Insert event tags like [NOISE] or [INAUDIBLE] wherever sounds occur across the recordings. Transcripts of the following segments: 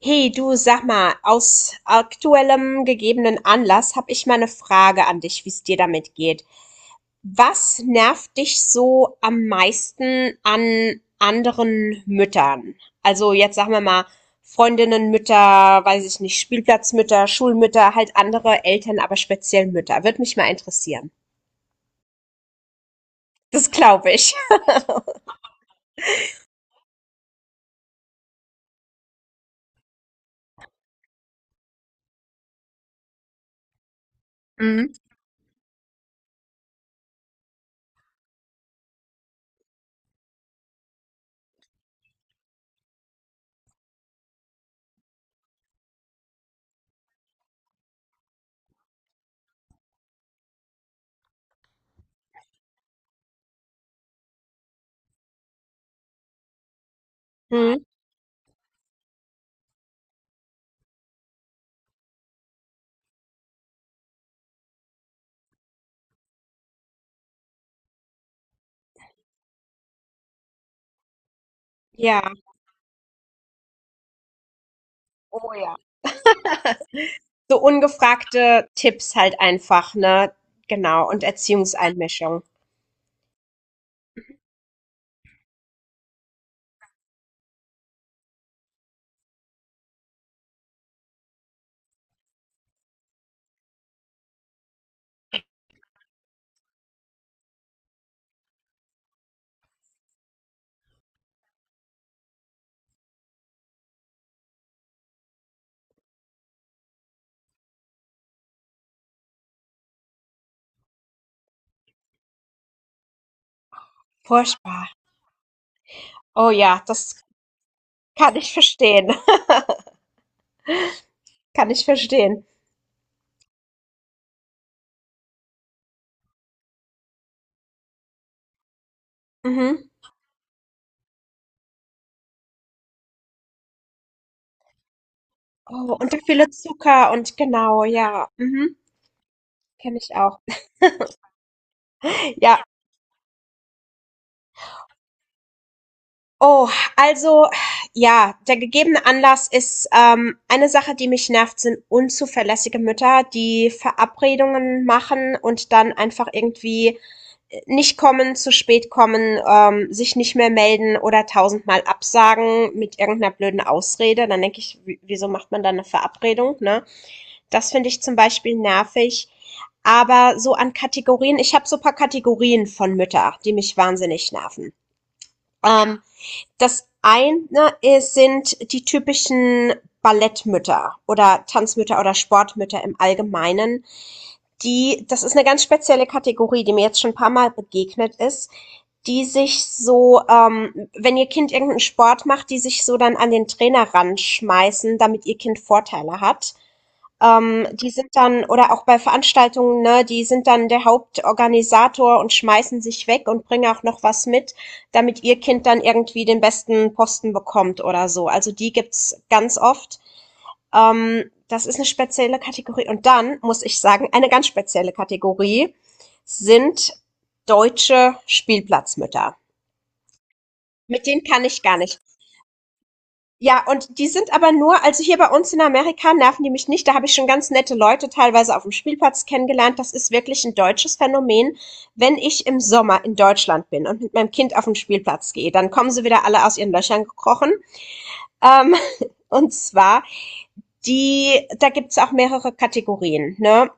Hey du, sag mal, aus aktuellem gegebenen Anlass habe ich mal eine Frage an dich, wie es dir damit geht. Was nervt dich so am meisten an anderen Müttern? Also jetzt sagen wir mal Freundinnen, Mütter, weiß ich nicht, Spielplatzmütter, Schulmütter, halt andere Eltern, aber speziell Mütter. Würde mich mal interessieren. Das glaube ich. Mhm. Mhm. Ja, oh ja. So ungefragte Tipps halt einfach, ne? Genau, und Erziehungseinmischung. Furchtbar. Oh ja, das kann ich verstehen. [LAUGHS] Kann ich verstehen. Mhm. Oh, und der viele Zucker und genau, ja. Mhm. Kenne ich auch. Ja. Oh, also ja, der gegebene Anlass ist eine Sache, die mich nervt, sind unzuverlässige Mütter, die Verabredungen machen und dann einfach irgendwie nicht kommen, zu spät kommen, sich nicht mehr melden oder tausendmal absagen mit irgendeiner blöden Ausrede. Dann denke ich, wieso macht man dann eine Verabredung? Ne? Das finde ich zum Beispiel nervig. Aber so an Kategorien, ich habe so ein paar Kategorien von Müttern die mich wahnsinnig nerven. Ähm, Das eine ist sind die typischen Ballettmütter oder Tanzmütter oder Sportmütter im Allgemeinen. Die, das ist eine ganz spezielle Kategorie, die mir jetzt schon ein paar Mal begegnet ist, die sich so, wenn ihr Kind irgendeinen Sport macht, die sich so dann an den Trainer ranschmeißen, damit ihr Kind Vorteile hat. Die sind dann oder auch bei Veranstaltungen, ne, die sind dann der Hauptorganisator und schmeißen sich weg und bringen auch noch was mit, damit ihr Kind dann irgendwie den besten Posten bekommt oder so. Also die gibt's ganz oft. Das ist eine spezielle Kategorie. Und dann muss ich sagen, eine ganz spezielle Kategorie sind deutsche Spielplatzmütter. Mit denen kann ich gar nicht. Ja, und die sind aber nur, also hier bei uns in Amerika nerven die mich nicht. Da habe ich schon ganz nette Leute teilweise auf dem Spielplatz kennengelernt. Das ist wirklich ein deutsches Phänomen. Wenn ich im Sommer in Deutschland bin und mit meinem Kind auf den Spielplatz gehe, dann kommen sie wieder alle aus ihren Löchern gekrochen. Ähm, [LAUGHS] und zwar die, da gibt's auch mehrere Kategorien, ne?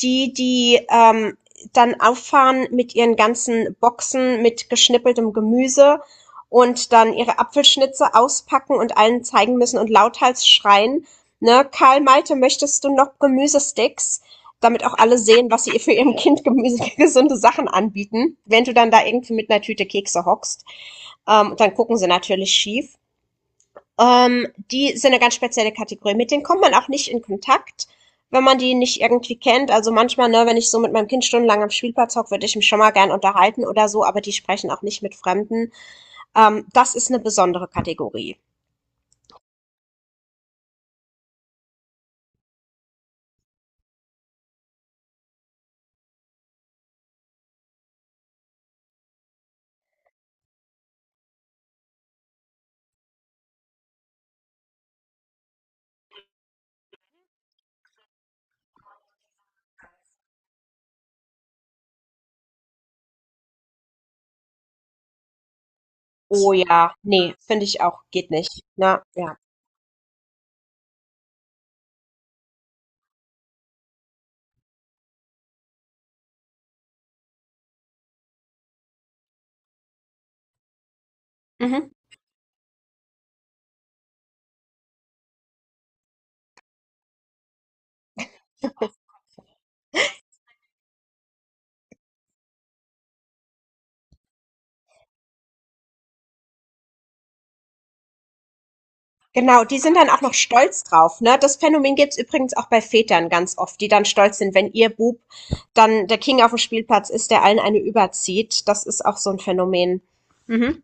Die, die dann auffahren mit ihren ganzen Boxen mit geschnippeltem Gemüse und dann ihre Apfelschnitze auspacken und allen zeigen müssen und lauthals schreien. Ne, Karl Malte, möchtest du noch Gemüsesticks? Damit auch alle sehen, was sie für ihrem Kind Gemüse, [LAUGHS] gesunde Sachen anbieten. Wenn du dann da irgendwie mit einer Tüte Kekse hockst, dann gucken sie natürlich schief. Die sind eine ganz spezielle Kategorie. Mit denen kommt man auch nicht in Kontakt, wenn man die nicht irgendwie kennt. Also manchmal, ne, wenn ich so mit meinem Kind stundenlang am Spielplatz hocke, würde ich mich schon mal gern unterhalten oder so, aber die sprechen auch nicht mit Fremden. Das ist eine besondere Kategorie. Oh ja, nee, finde ich auch, geht nicht, na ja. Mhm. Genau, die sind dann auch noch stolz drauf, ne? Das Phänomen gibt's übrigens auch bei Vätern ganz oft, die dann stolz sind, wenn ihr Bub dann der King auf dem Spielplatz ist, der allen eine überzieht. Das ist auch so ein Phänomen. Mhm.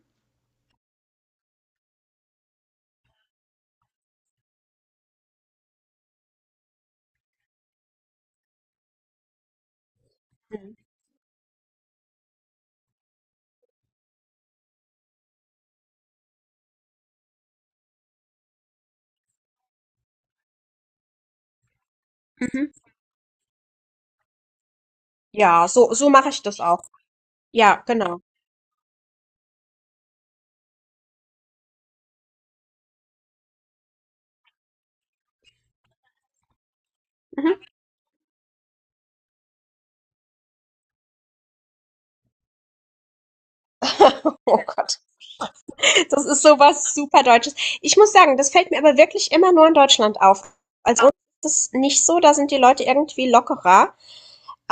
Mhm. Ja, so mache ich das auch. Ja, genau. Mhm. [LAUGHS] Oh Gott, das ist sowas super Deutsches. Ich muss sagen, das fällt mir aber wirklich immer nur in Deutschland auf. Also uns ist es nicht so, da sind die Leute irgendwie lockerer.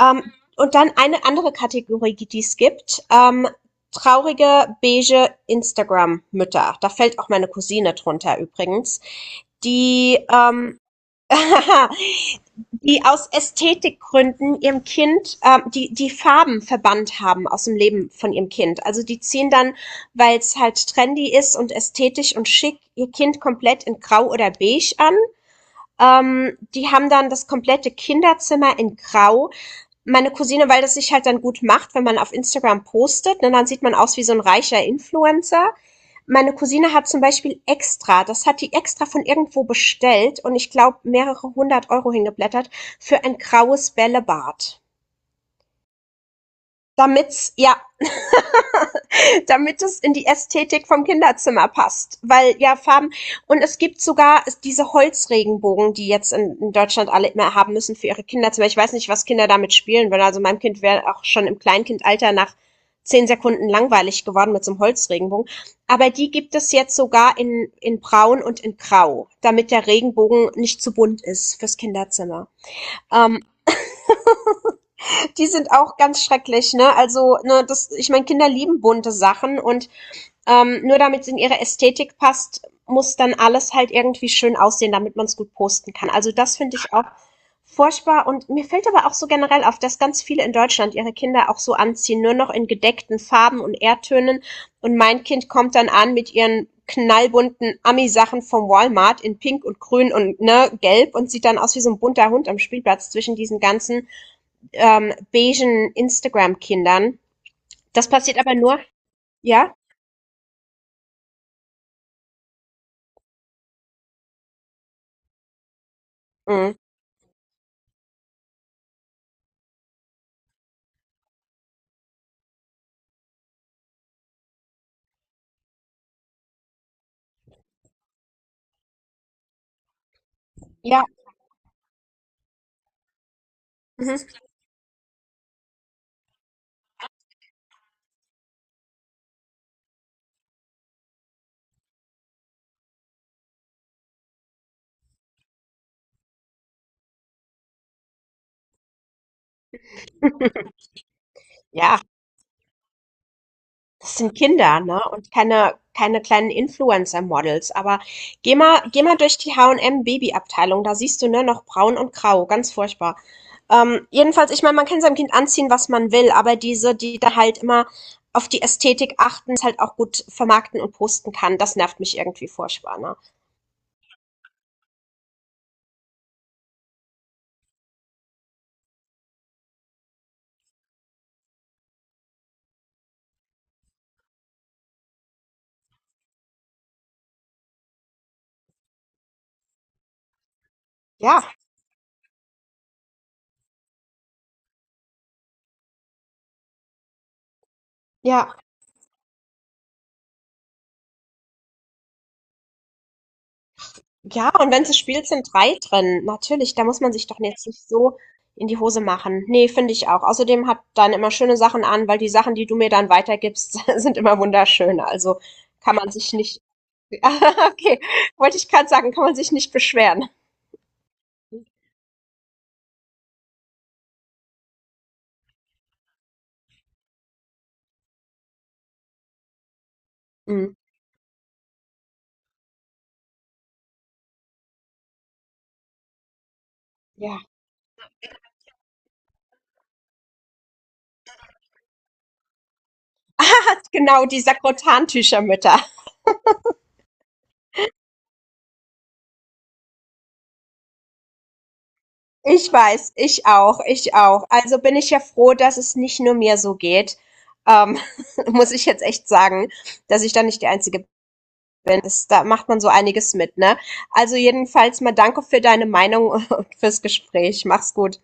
Und dann eine andere Kategorie, die es gibt. Traurige, beige Instagram-Mütter. Da fällt auch meine Cousine drunter übrigens. Die, ähm, [LAUGHS] die aus Ästhetikgründen ihrem Kind die Farben verbannt haben aus dem Leben von ihrem Kind. Also die ziehen dann, weil es halt trendy ist und ästhetisch und schick, ihr Kind komplett in Grau oder Beige an, die haben dann das komplette Kinderzimmer in Grau. Meine Cousine, weil das sich halt dann gut macht, wenn man auf Instagram postet, ne, dann sieht man aus wie so ein reicher Influencer. Meine Cousine hat zum Beispiel extra, das hat die extra von irgendwo bestellt und ich glaube mehrere hundert Euro hingeblättert, für ein graues Bällebad. Damit's, ja, damit es in die Ästhetik vom Kinderzimmer passt. Weil ja Farben und es gibt sogar diese Holzregenbogen, die jetzt in Deutschland alle immer haben müssen für ihre Kinderzimmer. Ich weiß nicht, was Kinder damit spielen würden. Also meinem Kind wäre auch schon im Kleinkindalter nach 10 Sekunden langweilig geworden mit so einem Holzregenbogen. Aber die gibt es jetzt sogar in Braun und in Grau, damit der Regenbogen nicht zu bunt ist fürs Kinderzimmer. Ähm, Die sind auch ganz schrecklich, ne? Also, ne, das, ich meine, Kinder lieben bunte Sachen und nur damit es in ihre Ästhetik passt, muss dann alles halt irgendwie schön aussehen, damit man es gut posten kann. Also das finde ich auch furchtbar. Und mir fällt aber auch so generell auf, dass ganz viele in Deutschland ihre Kinder auch so anziehen, nur noch in gedeckten Farben und Erdtönen. Und mein Kind kommt dann an mit ihren knallbunten Ami-Sachen vom Walmart in Pink und Grün und ne, Gelb und sieht dann aus wie so ein bunter Hund am Spielplatz zwischen diesen ganzen beigen Instagram-Kindern. Das passiert aber nur, ja? Mhm. Ja. Mhm. Ja, das sind Kinder, ne? Und keine kleinen Influencer-Models. Aber geh mal durch die H&M-Babyabteilung. Da siehst du, ne, noch braun und grau. Ganz furchtbar. Jedenfalls, ich meine, man kann seinem Kind anziehen, was man will, aber diese, die da halt immer auf die Ästhetik achten, es halt auch gut vermarkten und posten kann, das nervt mich irgendwie furchtbar, ne? Ja, ja. Ja, und wenn sie spielt, sind 3 drin. Natürlich, da muss man sich doch jetzt nicht so in die Hose machen. Ne, finde ich auch. Außerdem hat dann immer schöne Sachen an, weil die Sachen, die du mir dann weitergibst, [LAUGHS] sind immer wunderschön. Also kann man sich nicht [LAUGHS] ah, okay, wollte ich gerade sagen, kann man sich nicht beschweren. Mhm, ja. Genau, die Sakrotantücher. Ich weiß, ich auch, ich auch. Also bin ich ja froh, dass es nicht nur mir so geht. Ähm, [LAUGHS] muss ich jetzt echt sagen, dass ich da nicht die einzige bin. Das, da macht man so einiges mit, ne? Also jedenfalls mal danke für deine Meinung [LAUGHS] und fürs Gespräch. Mach's gut.